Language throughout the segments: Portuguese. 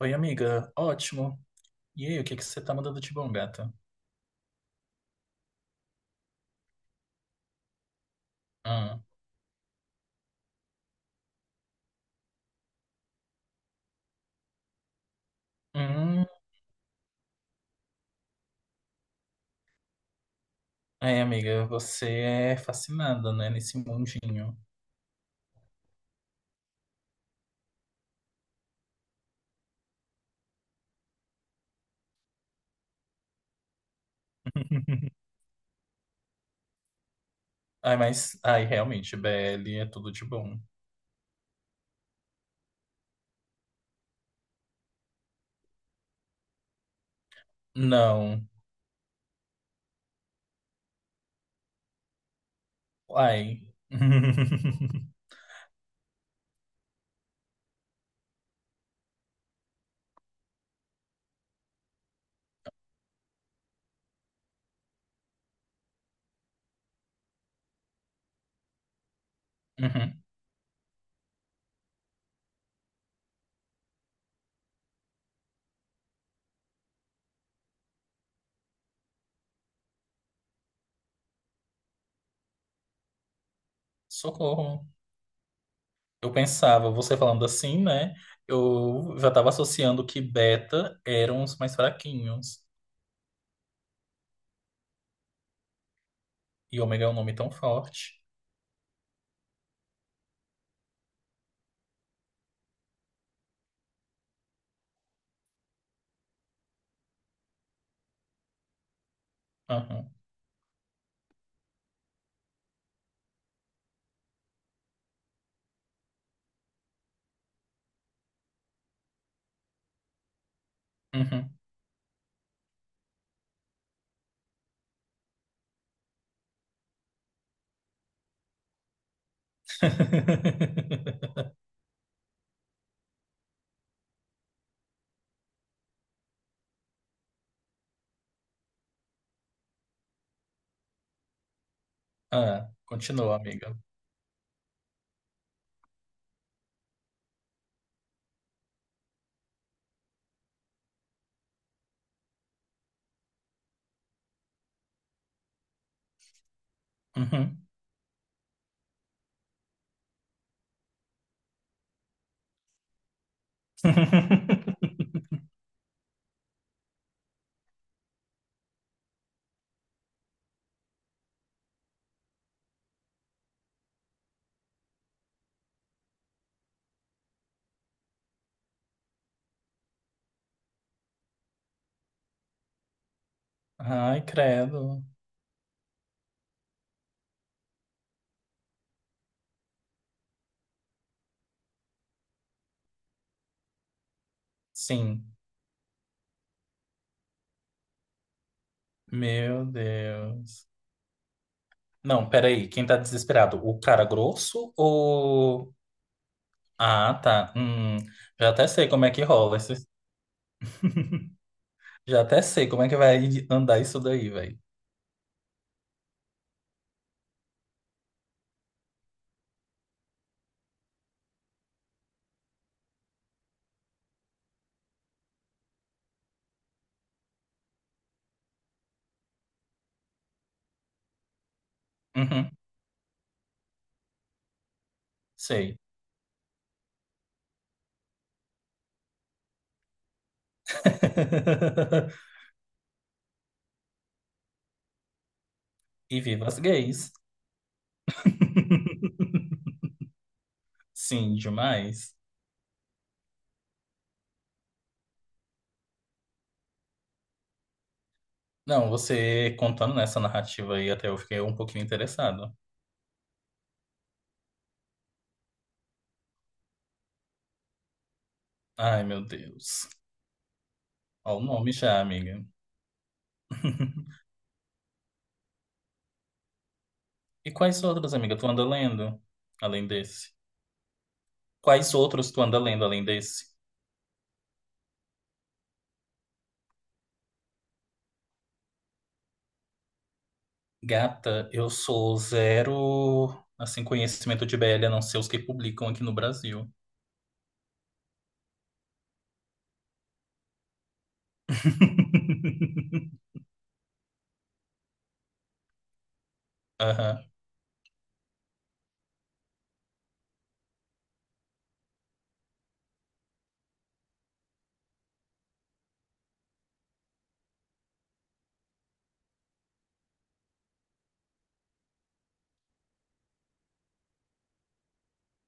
Oi, amiga. Ótimo. E aí, o que que você tá mandando de bom, gata? Ah. Hum. Aí, amiga, você é fascinada, né, nesse mundinho? Ai, mas, ai, realmente, BL é tudo de bom. Não. Ai. Uhum. Socorro. Eu pensava, você falando assim, né? Eu já tava associando que beta eram os mais fraquinhos. E ômega é um nome tão forte. Aham. Uhum. Ah, continua, amiga. Uhum. Ai, credo. Sim. Meu Deus. Não, peraí. Quem tá desesperado? O cara grosso ou. Ah, tá. Já até sei como é que rola. Esses- já até sei como é que vai andar isso daí, velho. Sei. E viva as gays. Sim, demais. Não, você contando nessa narrativa aí, até eu fiquei um pouquinho interessado. Ai, meu Deus. Ó, o nome já, amiga. E quais outros, amiga, tu anda lendo além desse? Quais outros tu anda lendo além desse? Gata, eu sou zero, assim, conhecimento de BL, a não ser os que publicam aqui no Brasil. Aham.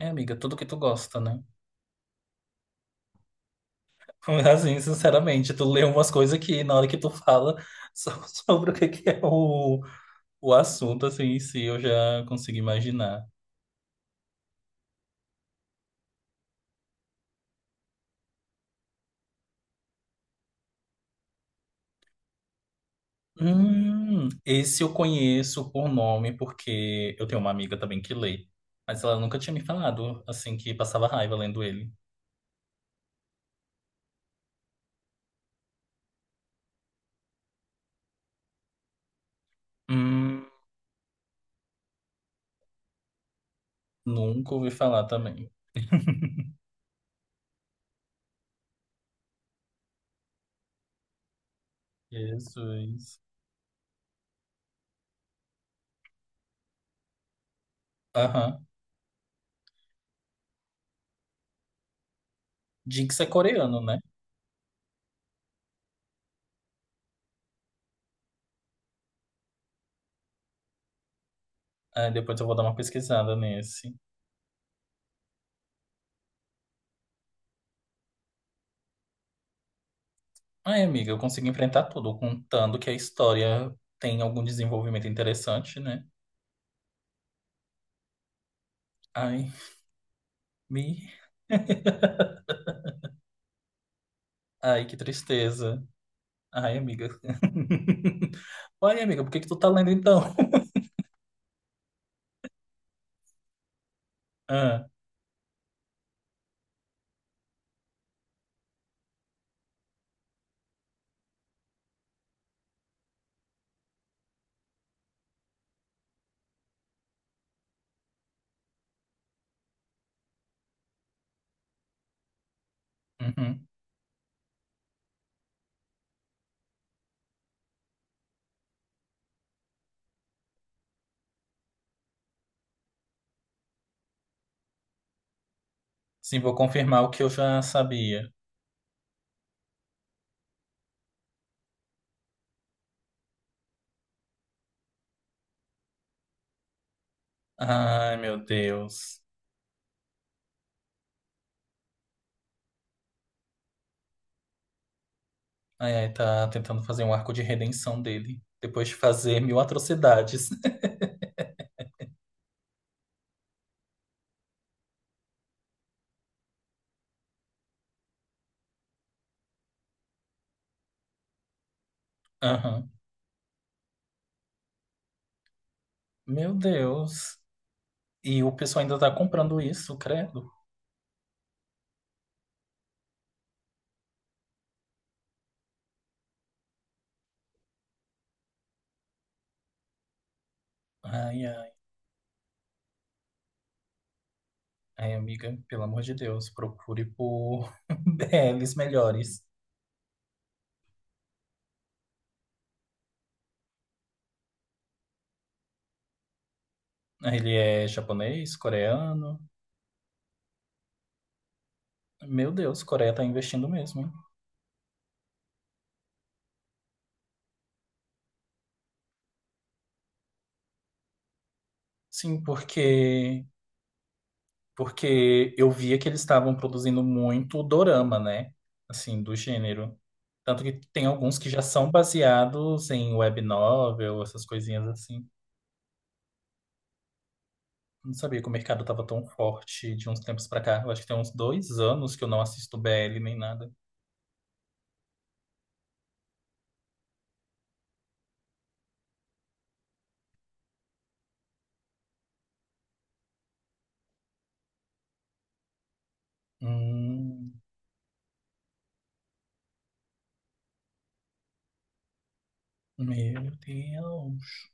É, amiga, tudo que tu gosta, né? Assim, sinceramente, tu lê umas coisas que na hora que tu fala so- sobre o que que é o assunto, assim, em si, eu já consigo imaginar. Esse eu conheço por nome, porque eu tenho uma amiga também que lê, mas ela nunca tinha me falado, assim, que passava raiva lendo ele. Hum, nunca ouvi falar também. Jesus. Aham. Jinx é coreano, né? Ah, depois eu vou dar uma pesquisada nesse. Ai, amiga, eu consigo enfrentar tudo, contando que a história tem algum desenvolvimento interessante, né? Ai, me. Ai, que tristeza. Ai, amiga. Ai, amiga, por que que tu tá lendo então? Ah, uhum. Sim, vou confirmar o que eu já sabia. Ai, meu Deus. Ai, ai, tá tentando fazer um arco de redenção dele, depois de fazer mil atrocidades. Aham. Meu Deus. E o pessoal ainda tá comprando isso, credo. Ai, ai. Ai, amiga, pelo amor de Deus, procure por BLs melhores. Ele é japonês, coreano? Meu Deus, Coreia tá investindo mesmo, hein? Sim, porque eu via que eles estavam produzindo muito dorama, né? Assim, do gênero. Tanto que tem alguns que já são baseados em web novel, essas coisinhas assim. Não sabia que o mercado tava tão forte de uns tempos pra cá. Eu acho que tem uns 2 anos que eu não assisto BL nem nada. Hum. Meu Deus.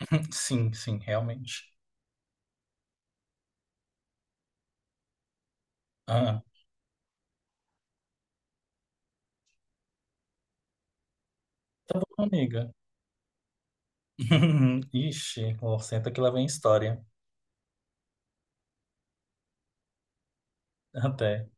Sim, sim, realmente. Ah, tá bom, amiga. Ixi, ó, senta que lá vem história. Até.